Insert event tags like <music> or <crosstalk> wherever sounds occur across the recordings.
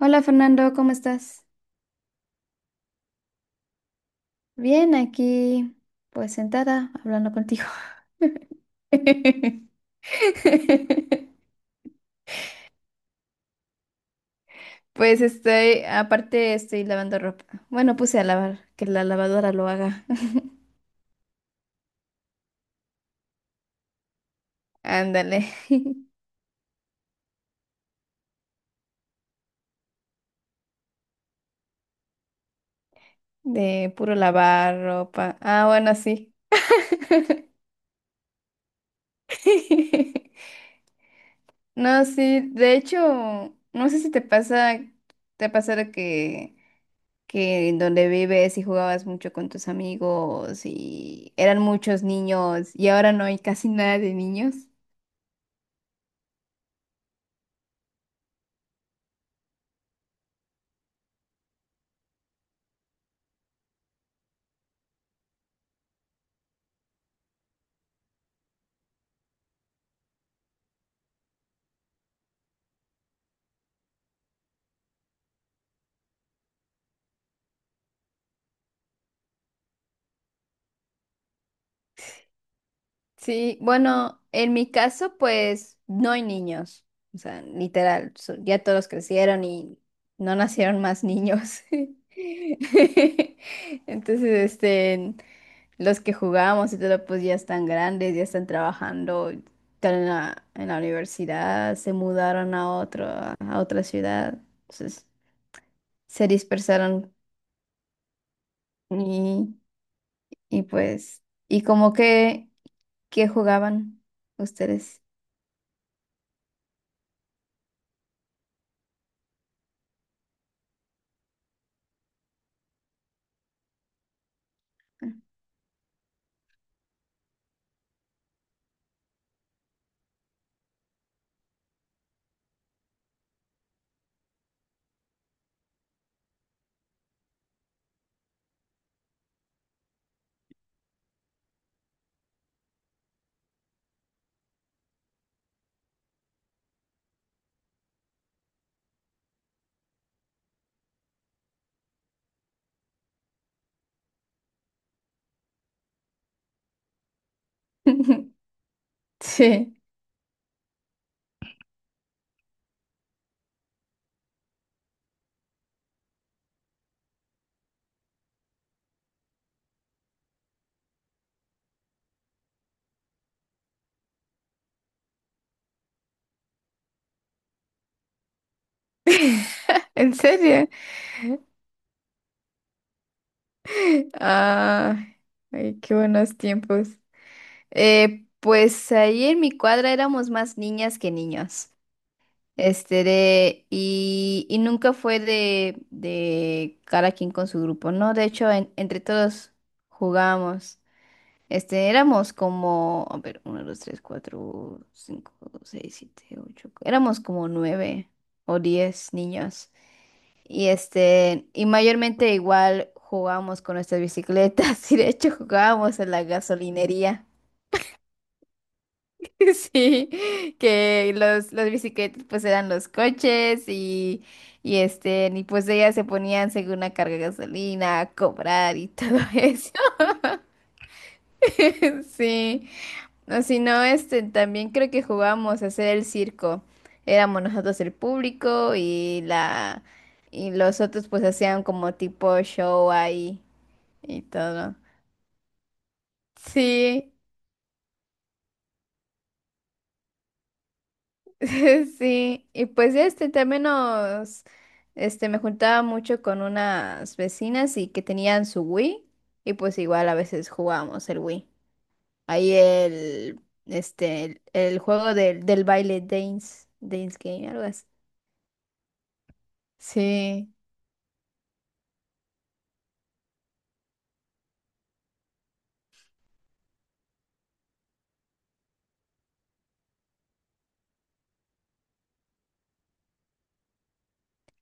Hola Fernando, ¿cómo estás? Bien, aquí pues sentada hablando contigo. <laughs> Pues estoy, aparte estoy lavando ropa. Bueno, puse a lavar, que la lavadora lo haga. <laughs> Ándale, <laughs> de puro lavar ropa. Ah, bueno, sí. <laughs> No, sí, de hecho, no sé si te pasa de que en donde vives y jugabas mucho con tus amigos y eran muchos niños y ahora no hay casi <laughs> nada de niños. Sí, bueno, en mi caso pues no hay niños, o sea, literal, ya todos crecieron y no nacieron más niños. <laughs> Entonces, los que jugamos y todo pues ya están grandes, ya están trabajando, están en la universidad, se mudaron a a otra ciudad. Entonces, se dispersaron y, y como que, ¿qué jugaban ustedes? <laughs> Sí. <laughs> ¿En serio? Ah, ay, qué buenos tiempos. Pues ahí en mi cuadra éramos más niñas que niños. Y nunca fue de cada quien con su grupo, ¿no? De hecho, entre todos jugábamos. Este, éramos como, a ver, uno, dos, tres, cuatro, cinco, seis, siete, ocho. Éramos como nueve o 10 niños. Y este, y mayormente igual jugábamos con nuestras bicicletas. <laughs> Y de hecho jugábamos en la gasolinería. <laughs> Sí, que las bicicletas pues eran los coches y, pues ellas se ponían según la carga de gasolina a cobrar y todo <laughs> eso. <laughs> Sí. No, si no, este, también creo que jugábamos a hacer el circo. Éramos nosotros el público y la y los otros pues hacían como tipo show ahí y todo. Sí, <laughs> sí. Y pues también nos este me juntaba mucho con unas vecinas y que tenían su Wii y pues igual a veces jugábamos el Wii. Ahí el juego del baile Dance Dance Game, algo así. Sí.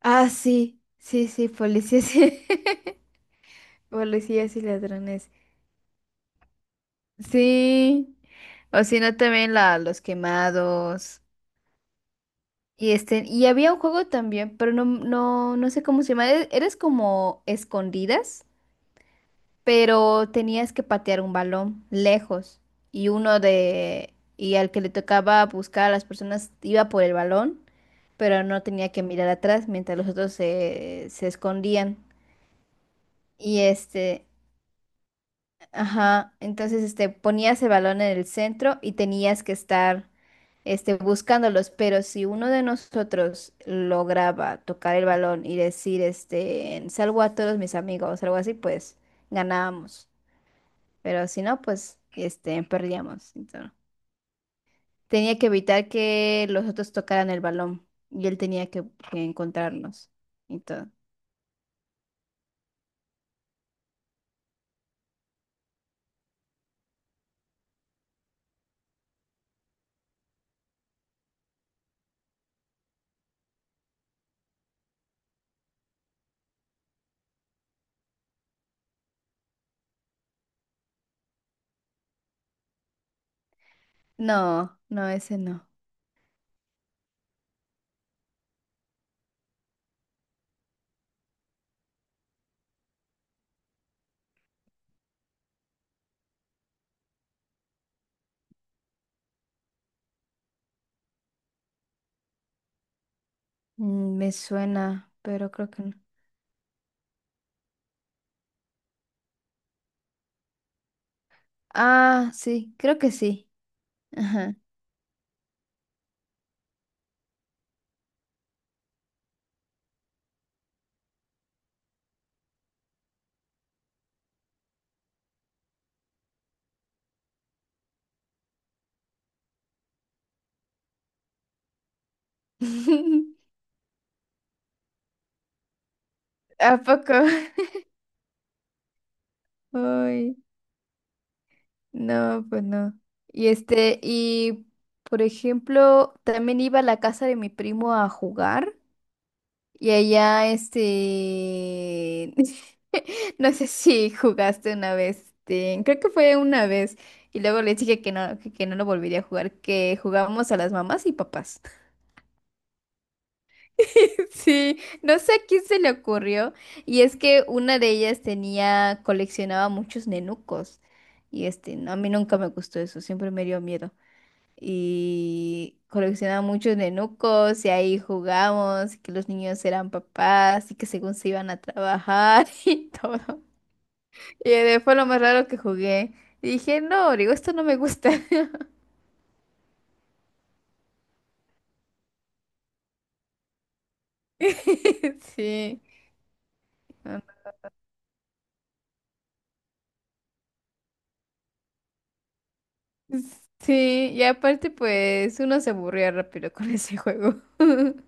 Ah, sí, sí, sí, policías y... <laughs> policías y ladrones. Sí, o si no también la, los quemados. Y este, y había un juego también, pero no, no, no sé cómo se llama. Eres como escondidas, pero tenías que patear un balón lejos. Y uno de, y al que le tocaba buscar a las personas iba por el balón, pero no tenía que mirar atrás mientras los otros se escondían. Y este. Ajá, entonces ponías el balón en el centro y tenías que estar este, buscándolos, pero si uno de nosotros lograba tocar el balón y decir, este, salvo a todos mis amigos, algo así, pues ganábamos, pero si no, pues este, perdíamos. Entonces, tenía que evitar que los otros tocaran el balón y él tenía que encontrarnos. Entonces, no, no, ese no. Mm, me suena, pero creo que no. Ah, sí, creo que sí. Ajá. <laughs> ¿A poco? <laughs> Ay, no, pues no. Y por ejemplo, también iba a la casa de mi primo a jugar y allá este, <laughs> no sé si jugaste una vez, este, creo que fue una vez y luego les dije que no, que no lo volvería a jugar, que jugábamos a las mamás y papás. <laughs> Sí, no sé a quién se le ocurrió. Y es que una de ellas tenía, coleccionaba muchos nenucos. Y este, no, a mí nunca me gustó eso, siempre me dio miedo. Y coleccionaba muchos nenucos y ahí jugamos, y que los niños eran papás y que según se iban a trabajar <laughs> y todo. Y fue lo más raro que jugué. Y dije, no, digo, esto no me gusta. <laughs> Sí. No, sí, y aparte pues uno se aburría rápido con ese juego. <laughs>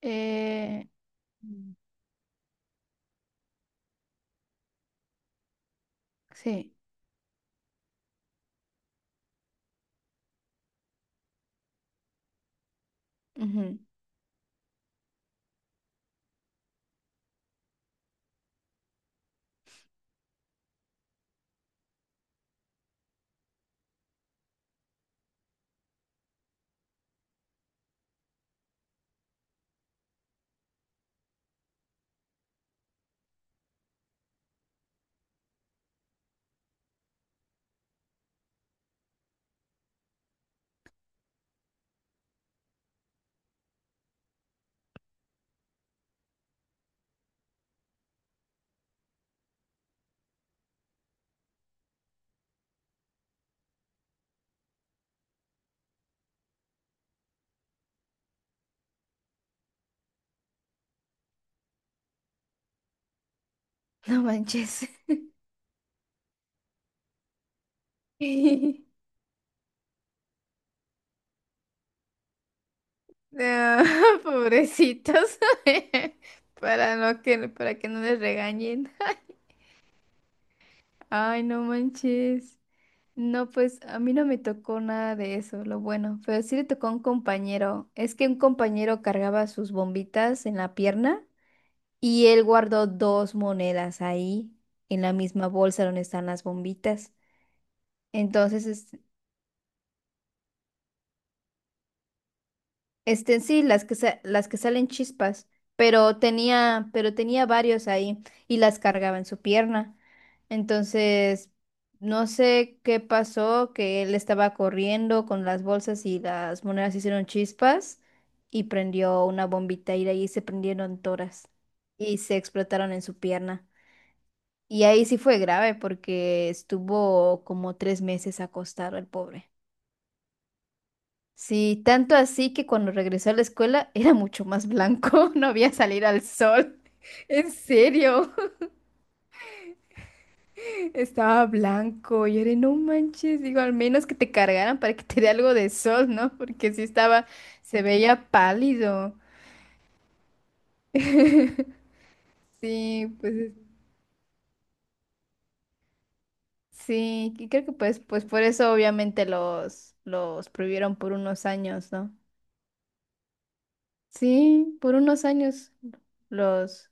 Eh, sí, ujú, no manches. <laughs> No, <laughs> pobrecitos. <laughs> Para no que, para que no les regañen. <laughs> Ay, no manches. No, pues a mí no me tocó nada de eso, lo bueno, pero sí le tocó a un compañero. Es que un compañero cargaba sus bombitas en la pierna. Y él guardó dos monedas ahí, en la misma bolsa donde están las bombitas. Entonces, sí, las que salen chispas, pero tenía varios ahí y las cargaba en su pierna. Entonces, no sé qué pasó, que él estaba corriendo con las bolsas y las monedas hicieron chispas y prendió una bombita y de ahí se prendieron todas y se explotaron en su pierna. Y ahí sí fue grave porque estuvo como 3 meses acostado el pobre. Sí, tanto así que cuando regresó a la escuela <laughs> era mucho más blanco, <laughs> no había salir al sol. <laughs> En serio, <laughs> estaba blanco. Y era, no manches, digo, al menos que te cargaran para que te dé algo de sol, ¿no? Porque sí estaba, se veía pálido. <laughs> Sí, pues sí, y creo que pues por eso obviamente los prohibieron por unos años, ¿no? Sí, por unos años los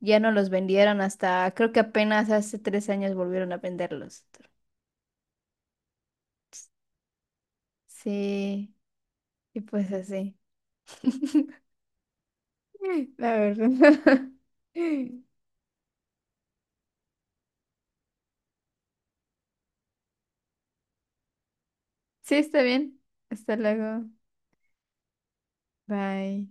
ya no los vendieron hasta, creo que apenas hace 3 años volvieron a venderlos. Sí, y pues así. <laughs> La verdad. <laughs> Sí, está bien. Hasta luego. Bye.